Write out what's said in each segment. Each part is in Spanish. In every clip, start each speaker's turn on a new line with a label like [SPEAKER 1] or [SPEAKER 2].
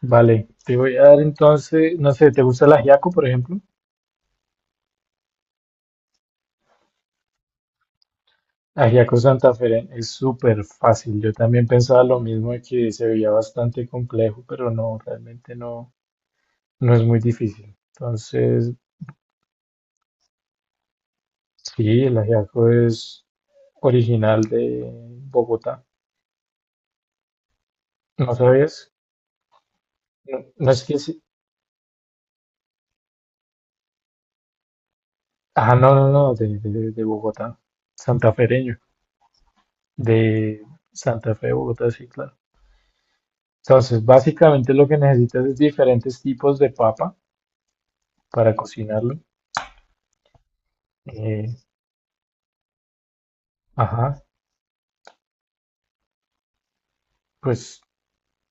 [SPEAKER 1] Vale, te voy a dar entonces, no sé, ¿te gusta el ajiaco, por ejemplo? Ajiaco Santafereño es súper fácil. Yo también pensaba lo mismo de que se veía bastante complejo, pero no, realmente no, no es muy difícil. Entonces, sí, el ajiaco es original de Bogotá. ¿No sabías? No, no es que sí. Ah, no, no, no, de Bogotá. Santafereño. De Santa Fe de Bogotá, sí, claro. Entonces, básicamente lo que necesitas es diferentes tipos de papa para cocinarlo. Eh, ajá, pues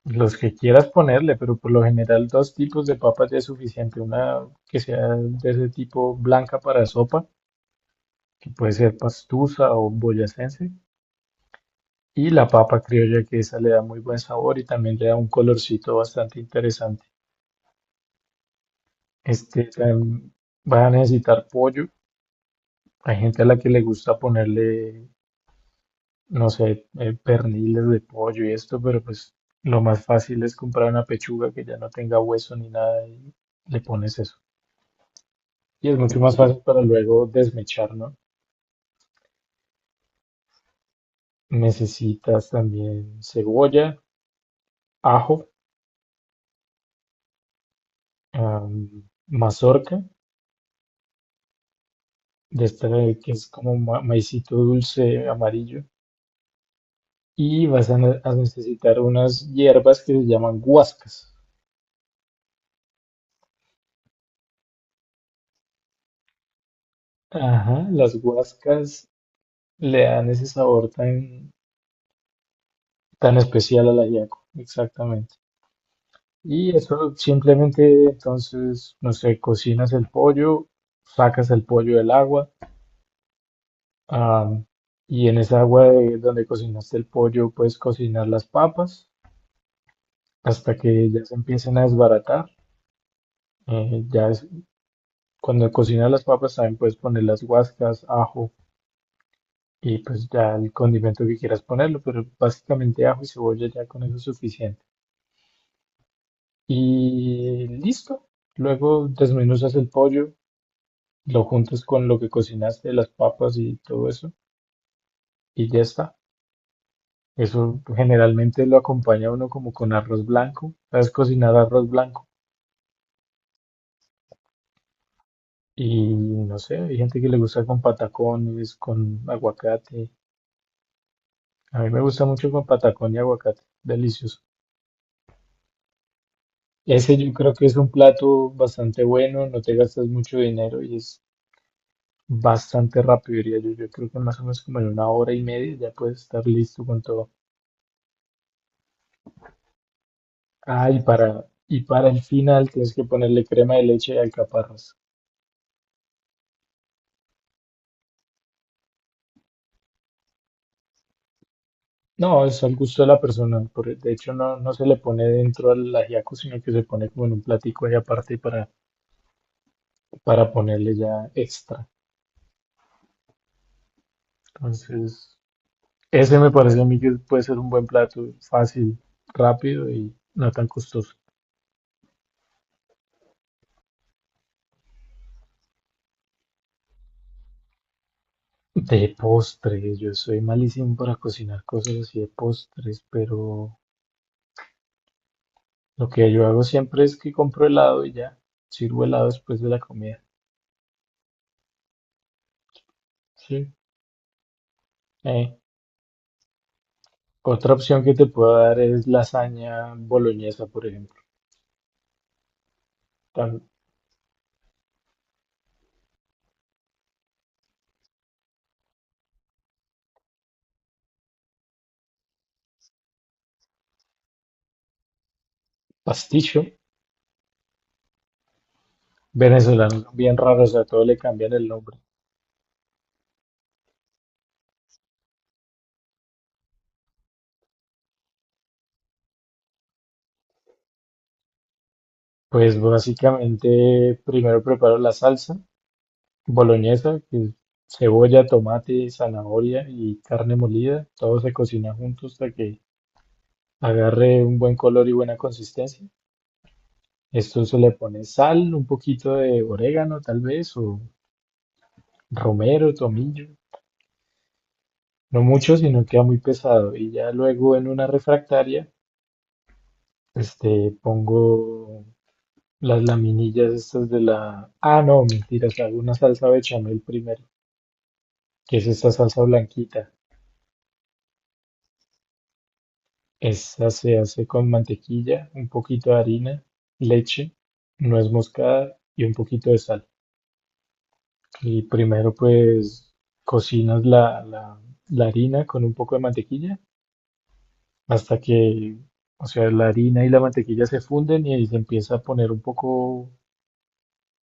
[SPEAKER 1] los que quieras ponerle, pero por lo general dos tipos de papas ya es suficiente. Una que sea de ese tipo blanca para sopa, que puede ser pastusa o boyacense, y la papa criolla que esa le da muy buen sabor y también le da un colorcito bastante interesante. Este, también vas a necesitar pollo. Hay gente a la que le gusta ponerle no sé, perniles de pollo y esto, pero pues lo más fácil es comprar una pechuga que ya no tenga hueso ni nada y le pones eso. Y es mucho más fácil para luego desmechar, ¿no? Necesitas también cebolla, ajo, am, mazorca, de esta de que es como maicito dulce amarillo. Y vas a necesitar unas hierbas que se llaman guascas. Ajá, las guascas le dan ese sabor tan tan especial a la yaco, exactamente. Y eso simplemente, entonces, no sé, cocinas el pollo, sacas el pollo del agua, am, y en esa donde cocinaste el pollo puedes cocinar las papas hasta que ya se empiecen a desbaratar. Eh, ya es- Cuando cocinas las papas también puedes poner las guascas, ajo, y pues ya el condimento que quieras ponerlo, pero básicamente ajo y cebolla ya con eso es suficiente. Y listo. Luego desmenuzas el pollo, lo juntas con lo que cocinaste, las papas y todo eso, y ya está. Eso generalmente lo acompaña uno como con arroz blanco. ¿Sabes cocinar arroz blanco? Y no sé, hay gente que le gusta con patacones, con aguacate. A mí me gusta mucho con patacón y aguacate, delicioso. Ese yo creo que es un plato bastante bueno, no te gastas mucho dinero y es bastante rápido, diría yo. Yo creo que más o menos como en una hora y media ya puedes estar listo con todo. Ah, y para el final tienes que ponerle crema de leche y alcaparras. No, es al gusto de la persona. De hecho, no, no se le pone dentro al ajiaco, sino que se pone como en un platico ahí aparte para ponerle ya extra. Entonces, ese me parece a mí que puede ser un buen plato, fácil, rápido y no tan costoso. De postres, yo soy malísimo para cocinar cosas así de postres, pero lo que yo hago siempre es que compro helado y ya, sirvo helado después de la comida. Sí. Eh, Otra opción que te puedo dar es lasaña boloñesa, por ejemplo. Tan pasticho venezolano, son bien raro, o sea, todo le cambian el nombre. Pues básicamente primero preparo la salsa boloñesa, que es cebolla, tomate, zanahoria y carne molida. Todo se cocina junto hasta que agarre un buen color y buena consistencia. Esto se le pone sal, un poquito de orégano tal vez, o romero, tomillo, no mucho, sino queda muy pesado. Y ya luego en una refractaria, este, pongo las laminillas estas de la... Ah, no, mentiras, hago una salsa bechamel primero, que es esta salsa blanquita. Esta se hace con mantequilla, un poquito de harina, leche, nuez moscada y un poquito de sal. Y primero pues cocinas la harina con un poco de mantequilla hasta que, o sea, la harina y la mantequilla se funden y ahí se empieza a poner un poco,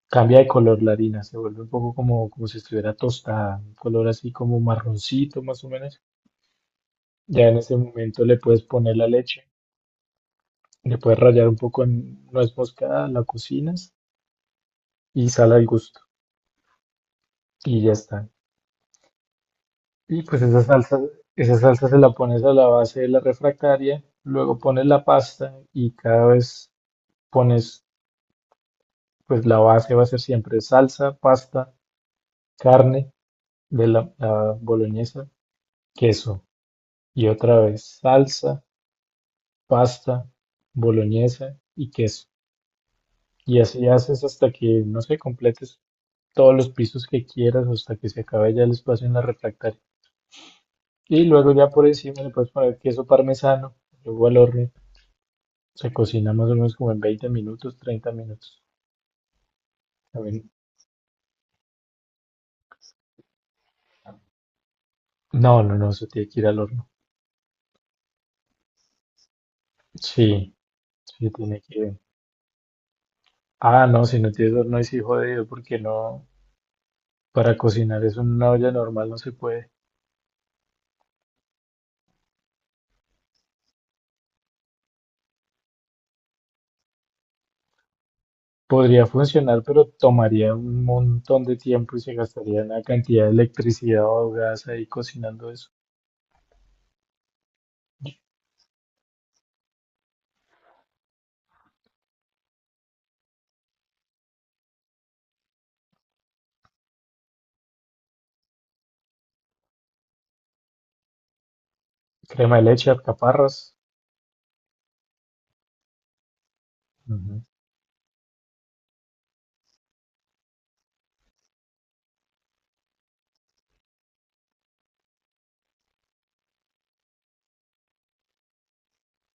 [SPEAKER 1] cambia de color la harina, se vuelve un poco como, como si estuviera tostada, un color así como marroncito más o menos. Ya en ese momento le puedes poner la leche, le puedes rallar un poco en nuez moscada, la cocinas y sal al gusto y ya está. Y pues esa salsa se la pones a la base de la refractaria, luego pones la pasta y cada vez pones, pues la base va a ser siempre salsa, pasta, carne de la boloñesa, queso, y otra vez salsa, pasta, boloñesa y queso. Y así haces hasta que, no sé, completes todos los pisos que quieras, hasta que se acabe ya el espacio en la refractaria. Y luego ya por encima le puedes poner queso parmesano, luego al horno. Se cocina más o menos como en 20 minutos, 30 minutos. También- No, no, no, se tiene que ir al horno. Sí, sí, tiene que ir. Ah, no, si no tienes horno, ahí sí jodido, porque no, para cocinar eso en una olla normal no se puede. Podría funcionar, pero tomaría un montón de tiempo y se gastaría una cantidad de electricidad o gas ahí cocinando eso. Crema de leche, alcaparras. Ujú.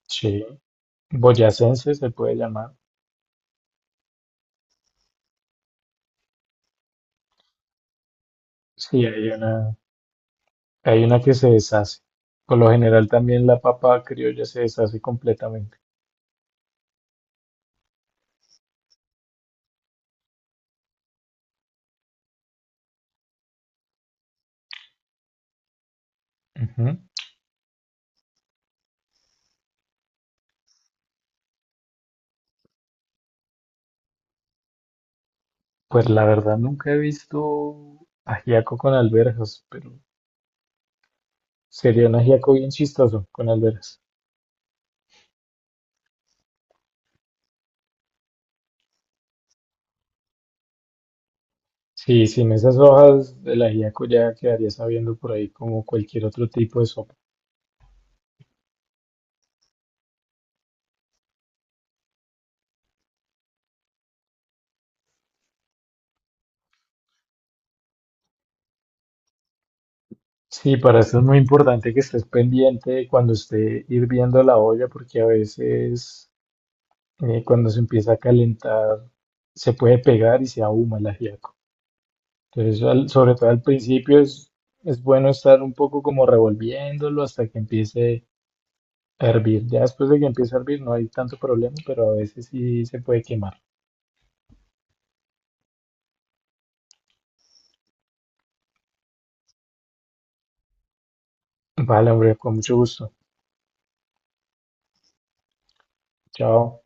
[SPEAKER 1] Sí. Boyacense se puede llamar. Sí, hay una que se deshace. Por lo general también la papa criolla se deshace completamente. Ujú. Pues la verdad nunca he visto ajiaco con alberjas, pero sería un ajiaco bien chistoso con alberjas. Sí, sin esas hojas el ajíaco ya quedaría sabiendo por ahí como cualquier otro tipo de sopa. Sí, para esto es muy importante que estés pendiente cuando esté hirviendo la olla, porque a veces cuando se empieza a calentar se puede pegar y se ahuma el ajiaco. Entonces, sobre todo al principio es bueno estar un poco como revolviéndolo hasta que empiece a hervir. Ya después de que empiece a hervir no hay tanto problema, pero a veces sí se puede quemar. Vale, hombre, con mucho gusto. Chao.